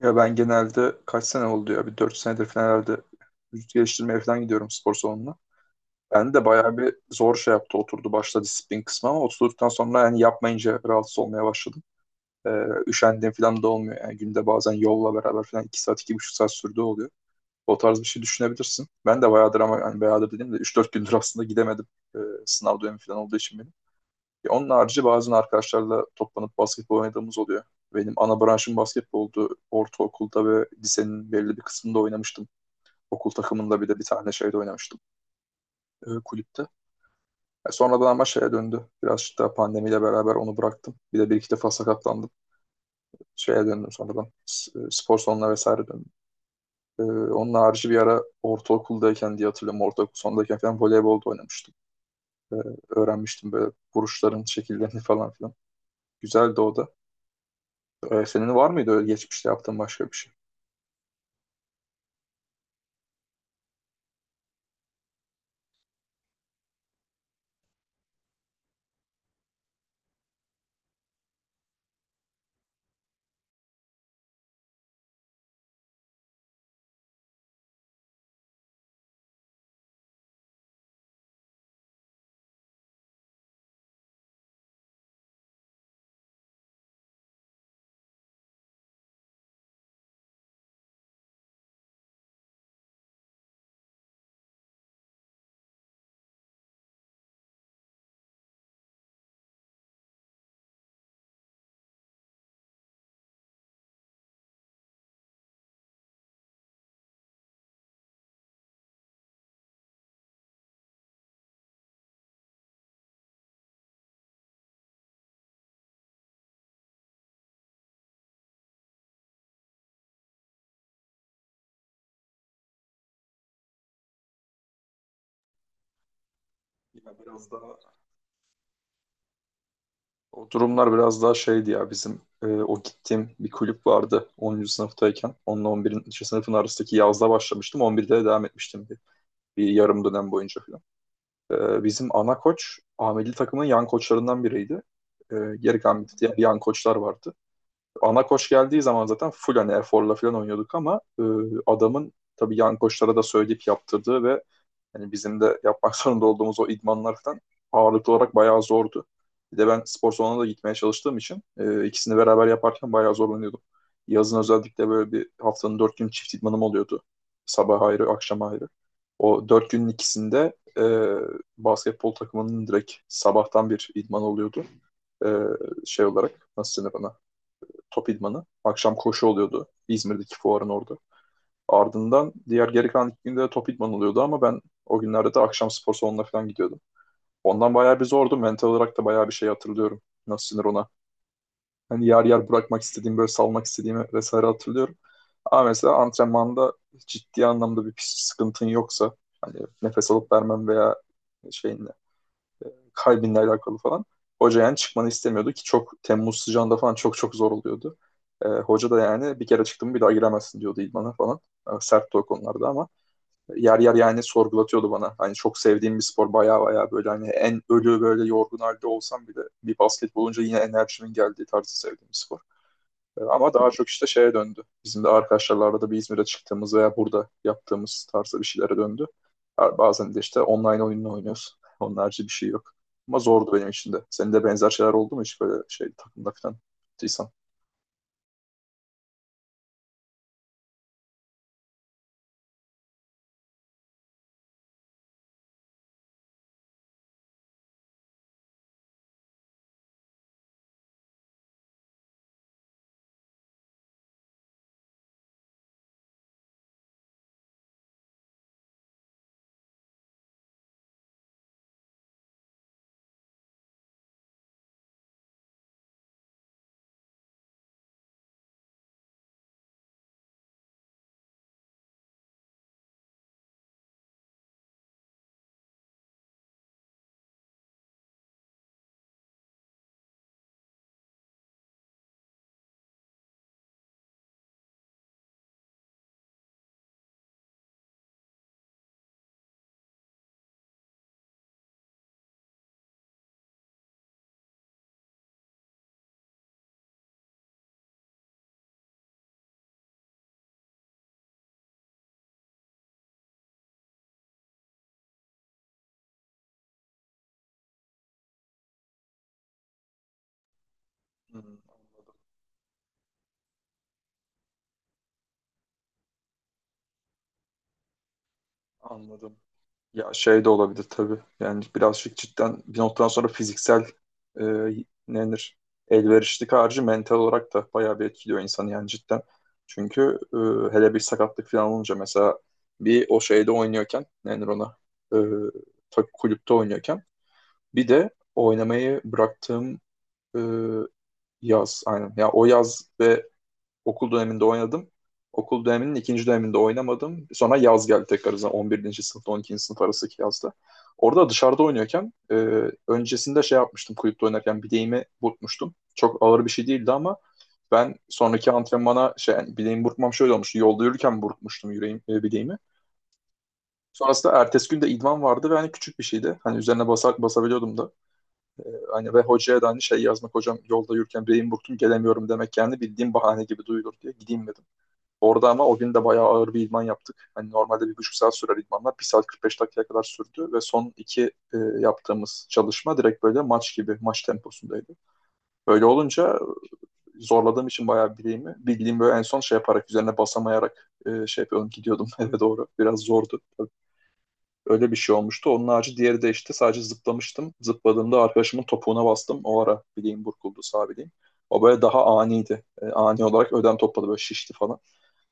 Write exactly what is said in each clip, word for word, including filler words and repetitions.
Ya ben genelde kaç sene oldu ya? Bir dört senedir falan herhalde vücut geliştirmeye falan gidiyorum spor salonuna. Ben de bayağı bir zor şey yaptı oturdu başta disiplin kısmı ama oturduktan sonra yani yapmayınca rahatsız olmaya başladım. Ee, üşendiğim falan da olmuyor. Yani günde bazen yolla beraber falan iki saat iki buçuk saat sürdüğü oluyor. O tarz bir şey düşünebilirsin. Ben de bayağıdır ama yani bayağıdır dediğim de üç dört gündür aslında gidemedim. Ee, Sınav dönemi falan olduğu için benim. Ya onun harici bazen arkadaşlarla toplanıp basketbol oynadığımız oluyor. Benim ana branşım basketboldu. Ortaokulda ve lisenin belli bir kısmında oynamıştım. Okul takımında bir de bir tane şeyde oynamıştım. E, kulüpte. E, sonradan ama şeye döndü. Birazcık daha pandemiyle beraber onu bıraktım. Bir de bir iki defa sakatlandım. Şeye döndüm sonradan. S- e, spor salonuna vesaire döndüm. E, onun harici bir ara ortaokuldayken diye hatırlıyorum. Ortaokul sondayken falan voleybol da oynamıştım. E, Öğrenmiştim böyle vuruşların şekillerini falan filan. Güzeldi o da. Ee, senin var mıydı öyle geçmişte yaptığın başka bir şey? Ya biraz daha o durumlar biraz daha şeydi ya bizim e, o gittiğim bir kulüp vardı onuncu sınıftayken. Onunla on birinci sınıfın arasındaki yazda başlamıştım. on birde de devam etmiştim bir, bir yarım dönem boyunca falan. Ee, bizim ana koç A milli takımın yan koçlarından biriydi. Ee, geri kalan bir diğer yan koçlar vardı. Ana koç geldiği zaman zaten full hani eforla falan oynuyorduk ama e, adamın tabii yan koçlara da söyleyip yaptırdığı ve yani bizim de yapmak zorunda olduğumuz o idmanlar falan ağırlıklı olarak bayağı zordu. Bir de ben spor salonuna da gitmeye çalıştığım için e, ikisini beraber yaparken bayağı zorlanıyordum. Yazın özellikle böyle bir haftanın dört gün çift idmanım oluyordu. Sabah ayrı, akşam ayrı. O dört günün ikisinde e, basketbol takımının direkt sabahtan bir idman oluyordu. E, Şey olarak nasıl denir ona? Top idmanı. Akşam koşu oluyordu. İzmir'deki fuarın orada. Ardından diğer geri kalan iki günde de top idman oluyordu ama ben o günlerde de akşam spor salonuna falan gidiyordum. Ondan bayağı bir zordu. Mental olarak da bayağı bir şey hatırlıyorum. Nasıl sinir ona. Hani yer yer bırakmak istediğim, böyle salmak istediğimi vesaire hatırlıyorum. Ama mesela antrenmanda ciddi anlamda bir pis sıkıntın yoksa hani nefes alıp vermem veya şeyinle kalbinle alakalı falan. Hoca yani çıkmanı istemiyordu ki çok Temmuz sıcağında falan çok çok zor oluyordu. Ee, hoca da yani bir kere çıktım bir daha giremezsin diyordu idmana falan. Ee, sert o konularda ama yer yer yani sorgulatıyordu bana. Hani çok sevdiğim bir spor baya baya böyle hani en ölü böyle yorgun halde olsam bile bir basket olunca yine enerjimin geldiği tarzı sevdiğim bir spor. Ee, Ama daha çok işte şeye döndü. Bizim de arkadaşlarla da bir İzmir'e çıktığımız veya burada yaptığımız tarzda bir şeylere döndü. Bazen de işte online oyununu oynuyorsun. Onun harici bir şey yok. Ama zordu benim için de. Senin de benzer şeyler oldu mu hiç böyle şey takımda falan? Tıysan. Hmm, anladım. Anladım. Ya şey de olabilir tabii. Yani birazcık cidden bir noktadan sonra fiziksel e, ne denir elverişlik harcı mental olarak da bayağı bir etkiliyor insanı yani cidden. Çünkü e, hele bir sakatlık falan olunca mesela bir o şeyde oynuyorken ne denir ona e, tak- kulüpte oynuyorken bir de oynamayı bıraktığım e, yaz aynen. Ya o yaz ve okul döneminde oynadım. Okul döneminin ikinci döneminde oynamadım. Sonra yaz geldi tekrar zaten on birinci sınıfta on ikinci sınıf arasındaki yazda. Orada dışarıda oynuyorken e, öncesinde şey yapmıştım kulüpte oynarken bileğimi burkmuştum. Çok ağır bir şey değildi ama ben sonraki antrenmana şey yani bileğimi burkmam şöyle olmuştu. Yolda yürürken burkmuştum yüreğim, e, bileğimi. Sonrasında ertesi gün de idman vardı ve hani küçük bir şeydi. Hani üzerine basa, basabiliyordum da. E, Hani ve hocaya da hani şey yazmak hocam yolda yürürken bileğimi burktum gelemiyorum demek kendi bildiğim bahane gibi duyulur diye gideyim dedim. Orada ama o gün de bayağı ağır bir idman yaptık. Hani normalde bir buçuk saat sürer idmanlar. Bir saat kırk beş dakikaya kadar sürdü ve son iki e, yaptığımız çalışma direkt böyle maç gibi, maç temposundaydı. Böyle olunca zorladığım için bayağı bileğimi bildiğim böyle en son şey yaparak, üzerine basamayarak e, şey yapıyordum, gidiyordum eve doğru. Biraz zordu. Öyle bir şey olmuştu. Onun harici diğeri de işte sadece zıplamıştım. Zıpladığımda arkadaşımın topuğuna bastım. O ara bileğim burkuldu, sağ bileğim. O böyle daha aniydi. E, ani olarak ödem topladı, böyle şişti falan.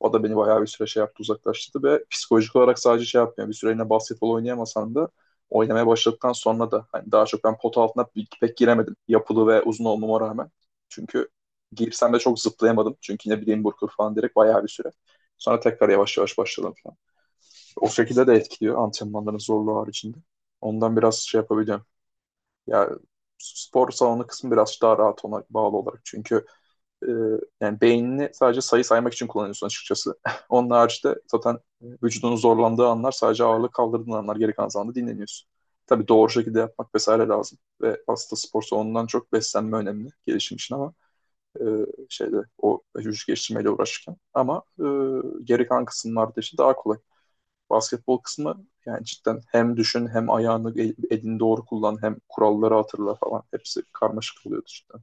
O da beni bayağı bir süre şey yaptı uzaklaştırdı ve psikolojik olarak sadece şey yapmıyor. Bir süre yine basketbol oynayamasam da oynamaya başladıktan sonra da hani daha çok ben pota altına pek giremedim. Yapılı ve uzun olmama rağmen. Çünkü girsem de çok zıplayamadım. Çünkü yine bileğim burkur falan direkt bayağı bir süre. Sonra tekrar yavaş yavaş başladım falan. O şekilde de etkiliyor antrenmanların zorluğu haricinde. Ondan biraz şey yapabiliyorum. Ya spor salonu kısmı biraz daha rahat ona bağlı olarak. Çünkü e, yani beynini sadece sayı saymak için kullanıyorsun açıkçası. Onun haricinde zaten vücudunun zorlandığı anlar sadece ağırlık kaldırdığın anlar geri kalan zamanda dinleniyorsun. Tabii doğru şekilde yapmak vesaire lazım. Ve aslında spor salonundan çok beslenme önemli gelişim için ama e, şeyde o vücut geliştirmeyle uğraşırken. Ama e, geri kalan kısımlarda işte daha kolay. Basketbol kısmı yani cidden hem düşün hem ayağını el- elini doğru kullan hem kuralları hatırla falan. Hepsi karmaşık oluyordu cidden.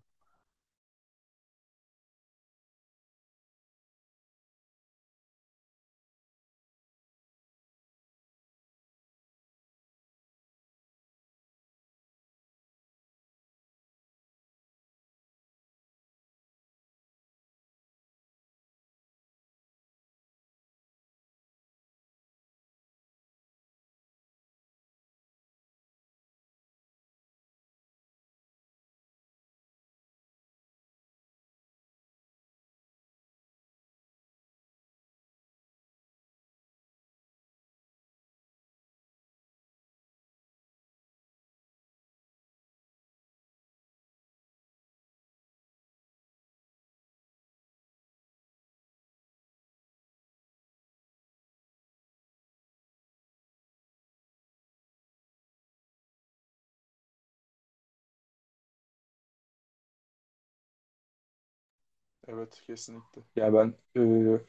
Evet kesinlikle. Yani ben e,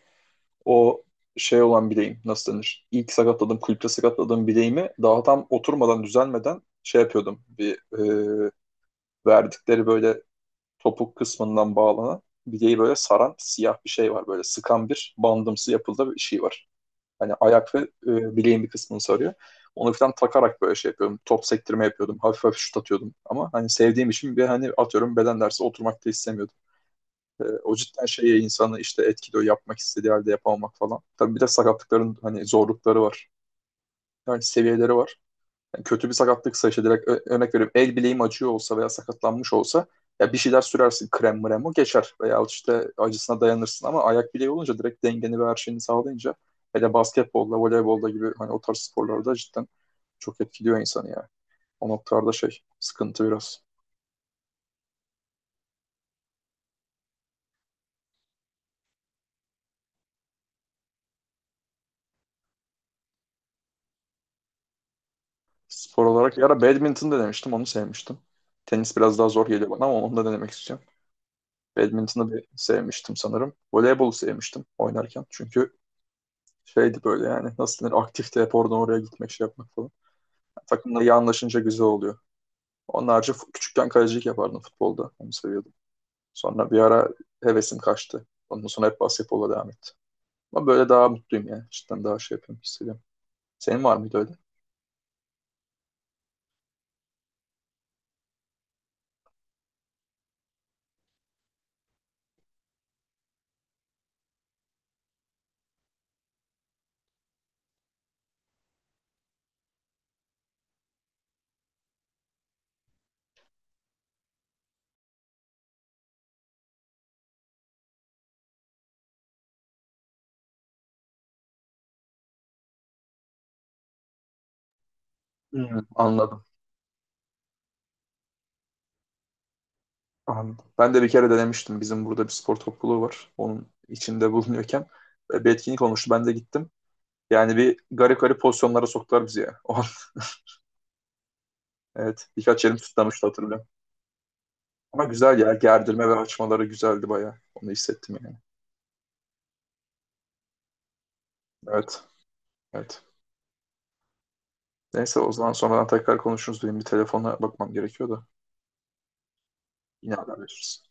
o şey olan bileğim nasıl denir? İlk sakatladığım, kulüpte sakatladığım bileğimi daha tam oturmadan, düzelmeden şey yapıyordum. Bir e, verdikleri böyle topuk kısmından bağlanan bileği böyle saran siyah bir şey var. Böyle sıkan bir bandımsı yapıldığı bir şey var. Hani ayak ve e, bileğin bir kısmını sarıyor. Onu falan takarak böyle şey yapıyordum. Top sektirme yapıyordum. Hafif hafif şut atıyordum. Ama hani sevdiğim için bir hani atıyorum beden dersi oturmak da istemiyordum. E, o cidden şeye insanı işte etkiliyor yapmak istediği halde yapamamak falan. Tabii bir de sakatlıkların hani zorlukları var. Yani seviyeleri var. Yani kötü bir sakatlıksa işte direkt ö- örnek veriyorum el bileğim acıyor olsa veya sakatlanmış olsa ya bir şeyler sürersin krem mrem o geçer veya işte acısına dayanırsın ama ayak bileği olunca direkt dengeni ve her şeyini sağlayınca hele basketbolda, voleybolda gibi hani o tarz sporlarda cidden çok etkiliyor insanı ya. O noktalarda şey sıkıntı biraz. Spor olarak ya ara badminton da demiştim onu sevmiştim. Tenis biraz daha zor geliyor bana ama onu da denemek istiyorum. Badminton'ı bir sevmiştim sanırım. Voleybolu sevmiştim oynarken. Çünkü şeydi böyle yani nasıl denir aktifti hep oradan oraya gitmek şey yapmak falan. Yani takımla iyi anlaşınca güzel oluyor. Onun harici fu- küçükken kalecilik yapardım futbolda. Onu seviyordum. Sonra bir ara hevesim kaçtı. Ondan sonra hep basketbola devam etti. Ama böyle daha mutluyum yani. Cidden daha şey yapıyorum hissediyorum. Senin var mıydı öyle? Hmm. Anladım. Anladım. Ben de bir kere denemiştim. Bizim burada bir spor topluluğu var. Onun içinde bulunuyorken e, bir etkinlik olmuştu. Ben de gittim. Yani bir garip garip pozisyonlara soktular bizi ya. O an, evet. Birkaç yerim tutlamıştı hatırlıyorum. Ama güzel ya. Gerdirme ve açmaları güzeldi bayağı. Onu hissettim yani. Evet. Evet. Neyse o zaman sonradan tekrar konuşuruz. Benim bir telefona bakmam gerekiyor da. Yine haberleşiriz.